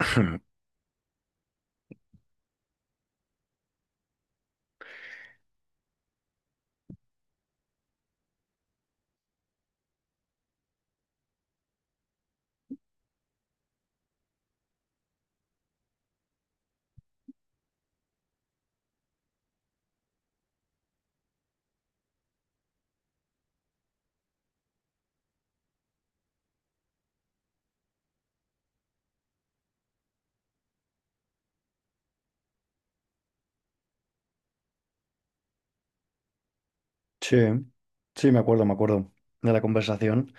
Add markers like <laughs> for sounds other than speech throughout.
<laughs> Sí, sí, me acuerdo, de la conversación.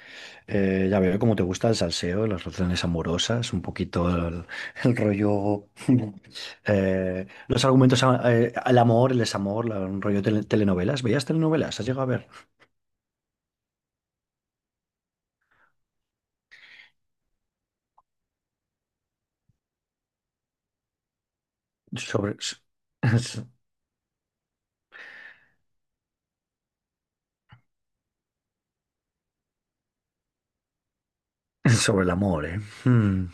Ya veo cómo te gusta el salseo, las relaciones amorosas, un poquito el rollo, <laughs> los argumentos, al amor, el desamor, un rollo telenovelas. ¿Veías telenovelas? ¿Has llegado a ver? Sobre, <laughs> Sobre el amor, ¿eh? Hmm.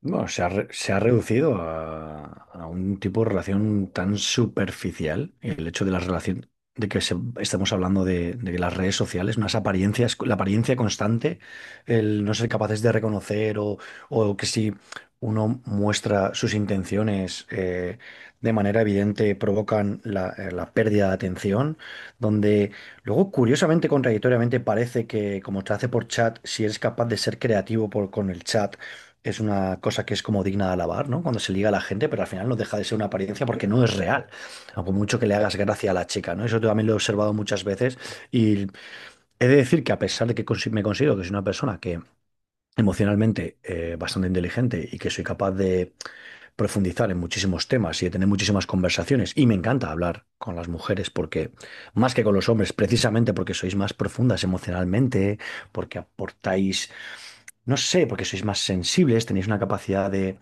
Bueno, se ha reducido a un tipo de relación tan superficial. El hecho de la relación, de que estemos hablando de que las redes sociales, unas apariencias, la apariencia constante, el no ser capaces de reconocer o que si uno muestra sus intenciones de manera evidente provocan la pérdida de atención, donde luego, curiosamente, contradictoriamente, parece que como te hace por chat, si eres capaz de ser creativo con el chat, es una cosa que es como digna de alabar, ¿no? Cuando se liga a la gente, pero al final no deja de ser una apariencia porque no es real, a por mucho que le hagas gracia a la chica, ¿no? Eso también lo he observado muchas veces, y he de decir que a pesar de que me considero que soy una persona que emocionalmente bastante inteligente y que soy capaz de profundizar en muchísimos temas y de tener muchísimas conversaciones, y me encanta hablar con las mujeres, porque más que con los hombres, precisamente porque sois más profundas emocionalmente, porque aportáis, no sé, porque sois más sensibles, tenéis una capacidad de,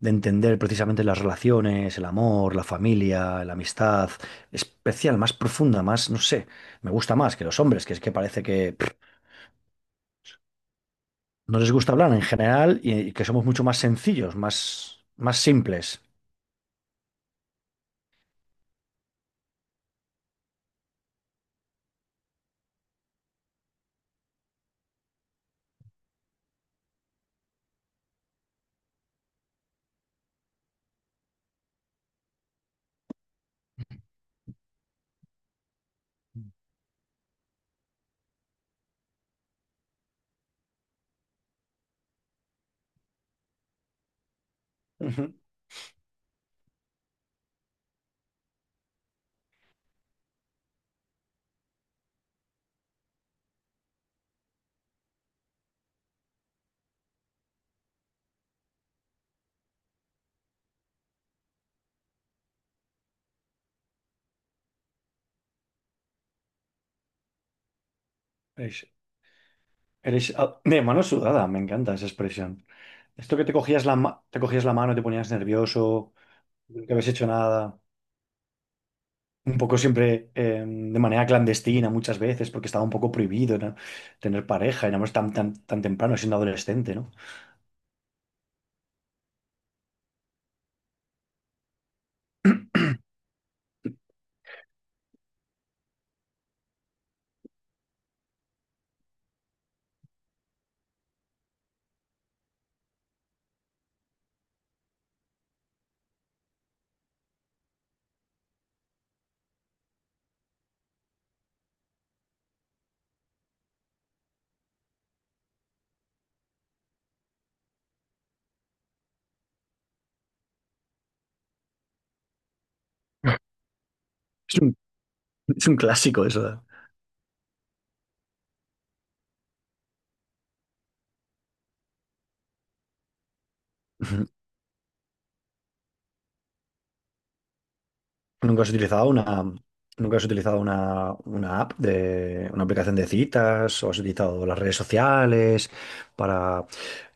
de entender precisamente las relaciones, el amor, la familia, la amistad, especial, más profunda, más, no sé. Me gusta más que los hombres, que es que parece que pff, no les gusta hablar en general, y que somos mucho más sencillos, más, simples. Ujú. Eres, eres de mano sudada. Me encanta esa expresión. Esto que te cogías la mano y te ponías nervioso, nunca habías hecho nada. Un poco siempre, de manera clandestina muchas veces, porque estaba un poco prohibido, ¿no? Tener pareja, éramos tan, tan, tan temprano, siendo adolescente, ¿no? Es un, es un clásico eso, ¿eh? Ujú. ¿Nunca has utilizado una app, de una aplicación de citas, o has utilizado las redes sociales para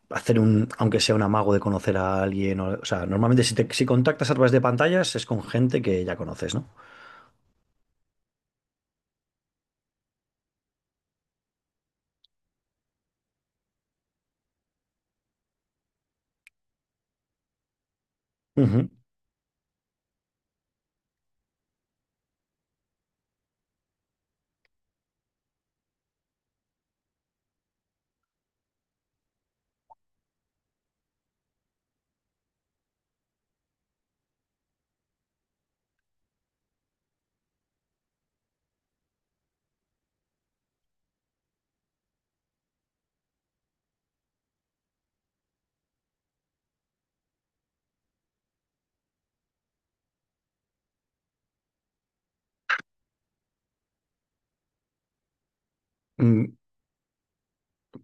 hacer aunque sea un amago de conocer a alguien? O sea, normalmente, si te, si contactas a través de pantallas, es con gente que ya conoces, ¿no? Ujú.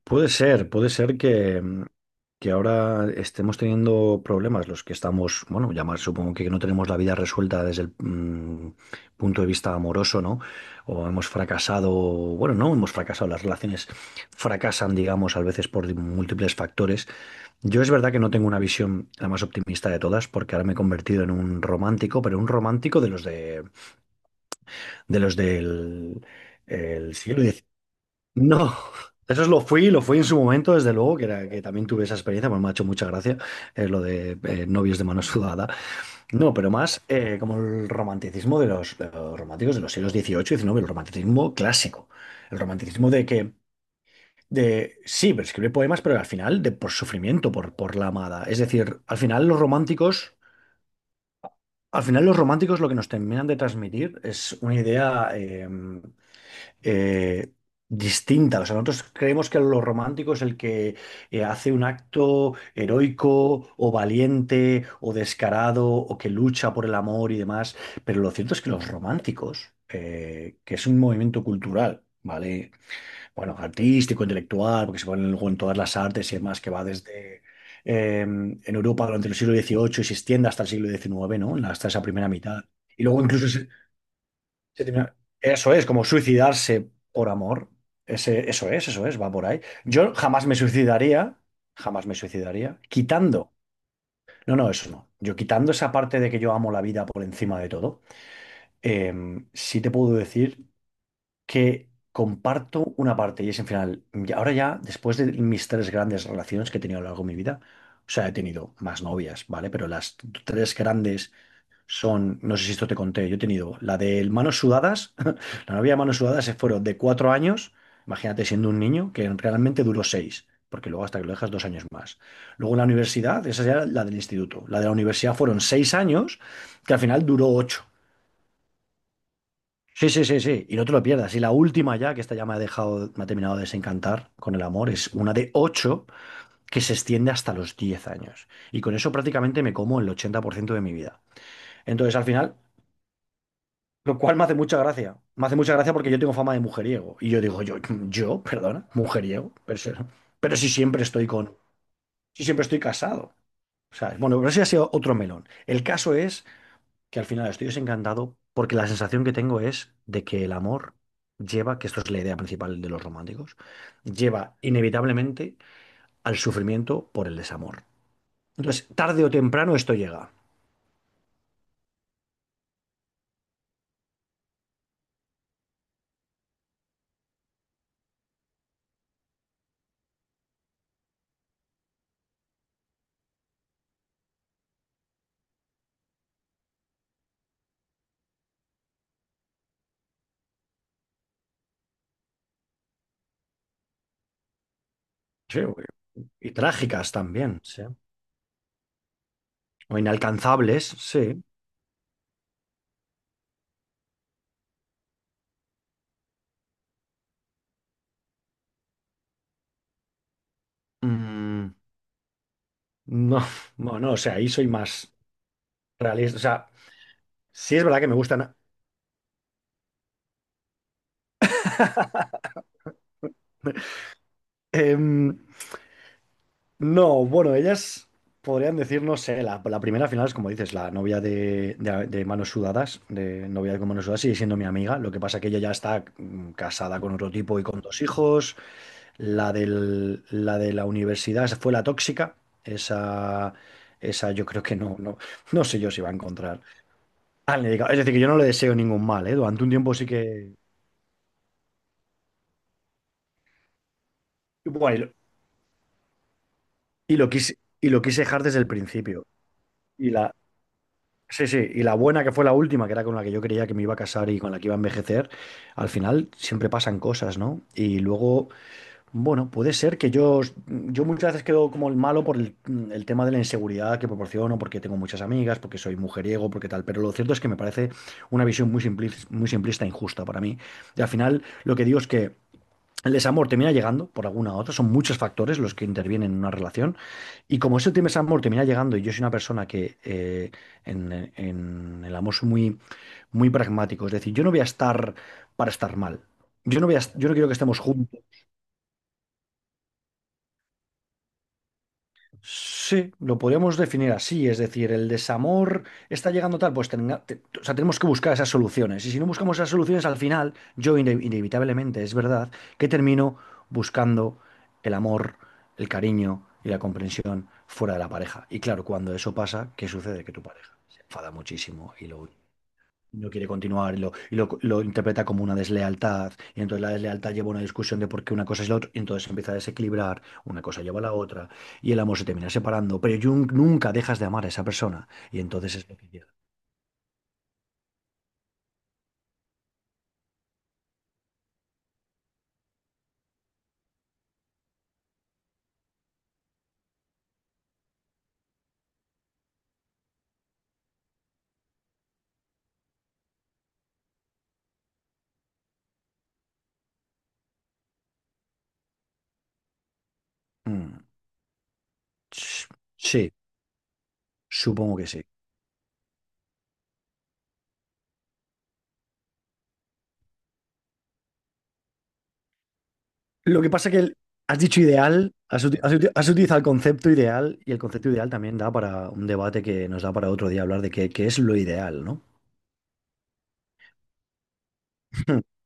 Puede ser que ahora estemos teniendo problemas, los que estamos, bueno, ya más, supongo que no tenemos la vida resuelta desde el punto de vista amoroso, ¿no? O hemos fracasado, bueno, no hemos fracasado, las relaciones fracasan, digamos, a veces por múltiples factores. Yo, es verdad que no tengo una visión la más optimista de todas, porque ahora me he convertido en un romántico, pero un romántico de los del el siglo. No, eso es lo fui en su momento, desde luego, que era que también tuve esa experiencia. Pues me ha hecho mucha gracia lo de novios de mano sudada. No, pero más, como el romanticismo de los, románticos de los siglos XVIII y XIX, el romanticismo clásico, el romanticismo sí, pero escribe poemas, pero al final, de, por sufrimiento, por la amada. Es decir, al final los románticos… Al final los románticos lo que nos terminan de transmitir es una idea, eh, distinta. O sea, nosotros creemos que lo romántico es el que hace un acto heroico o valiente o descarado o que lucha por el amor y demás. Pero lo cierto es que los románticos, que es un movimiento cultural, ¿vale? Bueno, artístico, intelectual, porque se ponen luego en todas las artes y demás, que va desde… en Europa durante el siglo XVIII, y se extiende hasta el siglo XIX, ¿no? Hasta esa primera mitad. Y luego incluso se termina- eso es, como suicidarse por amor. Eso es, va por ahí. Yo jamás me suicidaría, jamás me suicidaría, quitando. No, no, eso no. Yo, quitando esa parte de que yo amo la vida por encima de todo, sí te puedo decir que comparto una parte, y es en final. Y ahora ya, después de mis tres grandes relaciones que he tenido a lo largo de mi vida, o sea, he tenido más novias, ¿vale? Pero las tres grandes son, no sé si esto te conté, yo he tenido la de manos sudadas, <laughs> la novia de manos sudadas, se fueron de 4 años, imagínate, siendo un niño, que realmente duró 6, porque luego hasta que lo dejas, 2 años más. Luego en la universidad, esa ya era la del instituto, la de la universidad fueron 6 años, que al final duró 8. Sí, sí, sí, sí, y no te lo pierdas. Y la última ya, que esta ya me ha dejado, me ha terminado de desencantar con el amor, es una de 8 que se extiende hasta los 10 años. Y con eso prácticamente me como el 80% de mi vida. Entonces, al final, lo cual me hace mucha gracia. Me hace mucha gracia porque yo tengo fama de mujeriego. Y yo digo, yo, perdona, mujeriego. Pero si siempre estoy casado. ¿Sabes? Bueno, pero ese ha sido otro melón. El caso es que al final estoy desencantado, porque la sensación que tengo es de que el amor lleva, que esto es la idea principal de los románticos, lleva inevitablemente al sufrimiento por el desamor. Entonces, tarde o temprano esto llega. Sí, y trágicas también, sí. O inalcanzables, sí. Mm. No, <laughs> no, no, o sea, ahí soy más realista. O sea, sí, es verdad que me gustan. Em, no, bueno, ellas podrían decir, no sé, la primera final es como dices, la novia de manos sudadas, de novia con manos sudadas, sigue siendo mi amiga. Lo que pasa que ella ya está casada con otro tipo y con dos hijos. La de la universidad, esa fue la tóxica. Esa, esa yo creo que no, no, no sé yo si va a encontrar a alguien dedicado. Es decir, que yo no le deseo ningún mal, ¿eh? Durante un tiempo sí que. Bueno, y lo quise dejar desde el principio. Y la, sí, sí, y la buena que fue la última, que era con la que yo creía que me iba a casar y con la que iba a envejecer, al final siempre pasan cosas, ¿no? Y luego, bueno, puede ser que yo, muchas veces quedo como el malo por el tema de la inseguridad que proporciono, porque tengo muchas amigas, porque soy mujeriego, porque tal, pero lo cierto es que me parece una visión muy simplista e injusta para mí. Y al final, lo que digo es que el desamor termina llegando por alguna u otra, son muchos factores los que intervienen en una relación. Y como ese tema desamor termina llegando, y yo soy una persona que en el amor soy muy, muy pragmático. Es decir, yo no voy a estar para estar mal. Yo no quiero que estemos juntos. Sí, lo podríamos definir así. Es decir, el desamor está llegando tal, pues o sea, tenemos que buscar esas soluciones. Y si no buscamos esas soluciones, al final, yo inevitablemente, es verdad, que termino buscando el amor, el cariño y la comprensión fuera de la pareja. Y claro, cuando eso pasa, ¿qué sucede? Que tu pareja se enfada muchísimo, y lo no quiere continuar, lo interpreta como una deslealtad. Y entonces la deslealtad lleva a una discusión de por qué una cosa es la otra. Y entonces se empieza a desequilibrar, una cosa lleva a la otra, y el amor se termina separando. Pero Jung nunca dejas de amar a esa persona. Y entonces es lo que llega. Mm, ch- sí, supongo que sí. Lo que pasa que has dicho ideal, has utilizado el concepto ideal, y el concepto ideal también da para un debate, que nos da para otro día hablar de qué, es lo ideal, ¿no? <laughs>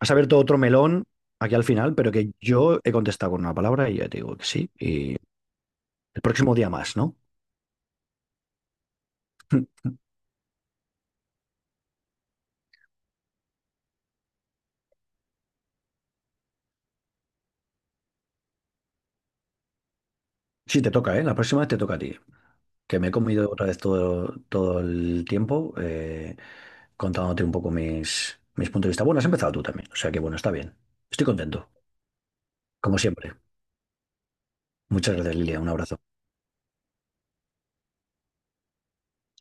Has abierto otro melón aquí al final, pero que yo he contestado con una palabra, y ya te digo que sí. Y el próximo día más, ¿no? <laughs> Sí, te toca, ¿eh? La próxima vez te toca a ti. Que me he comido otra vez todo, todo el tiempo, contándote un poco mis, puntos de vista. Bueno, has empezado tú también, o sea que bueno, está bien. Estoy contento, como siempre. Muchas gracias, Lilia. Un abrazo.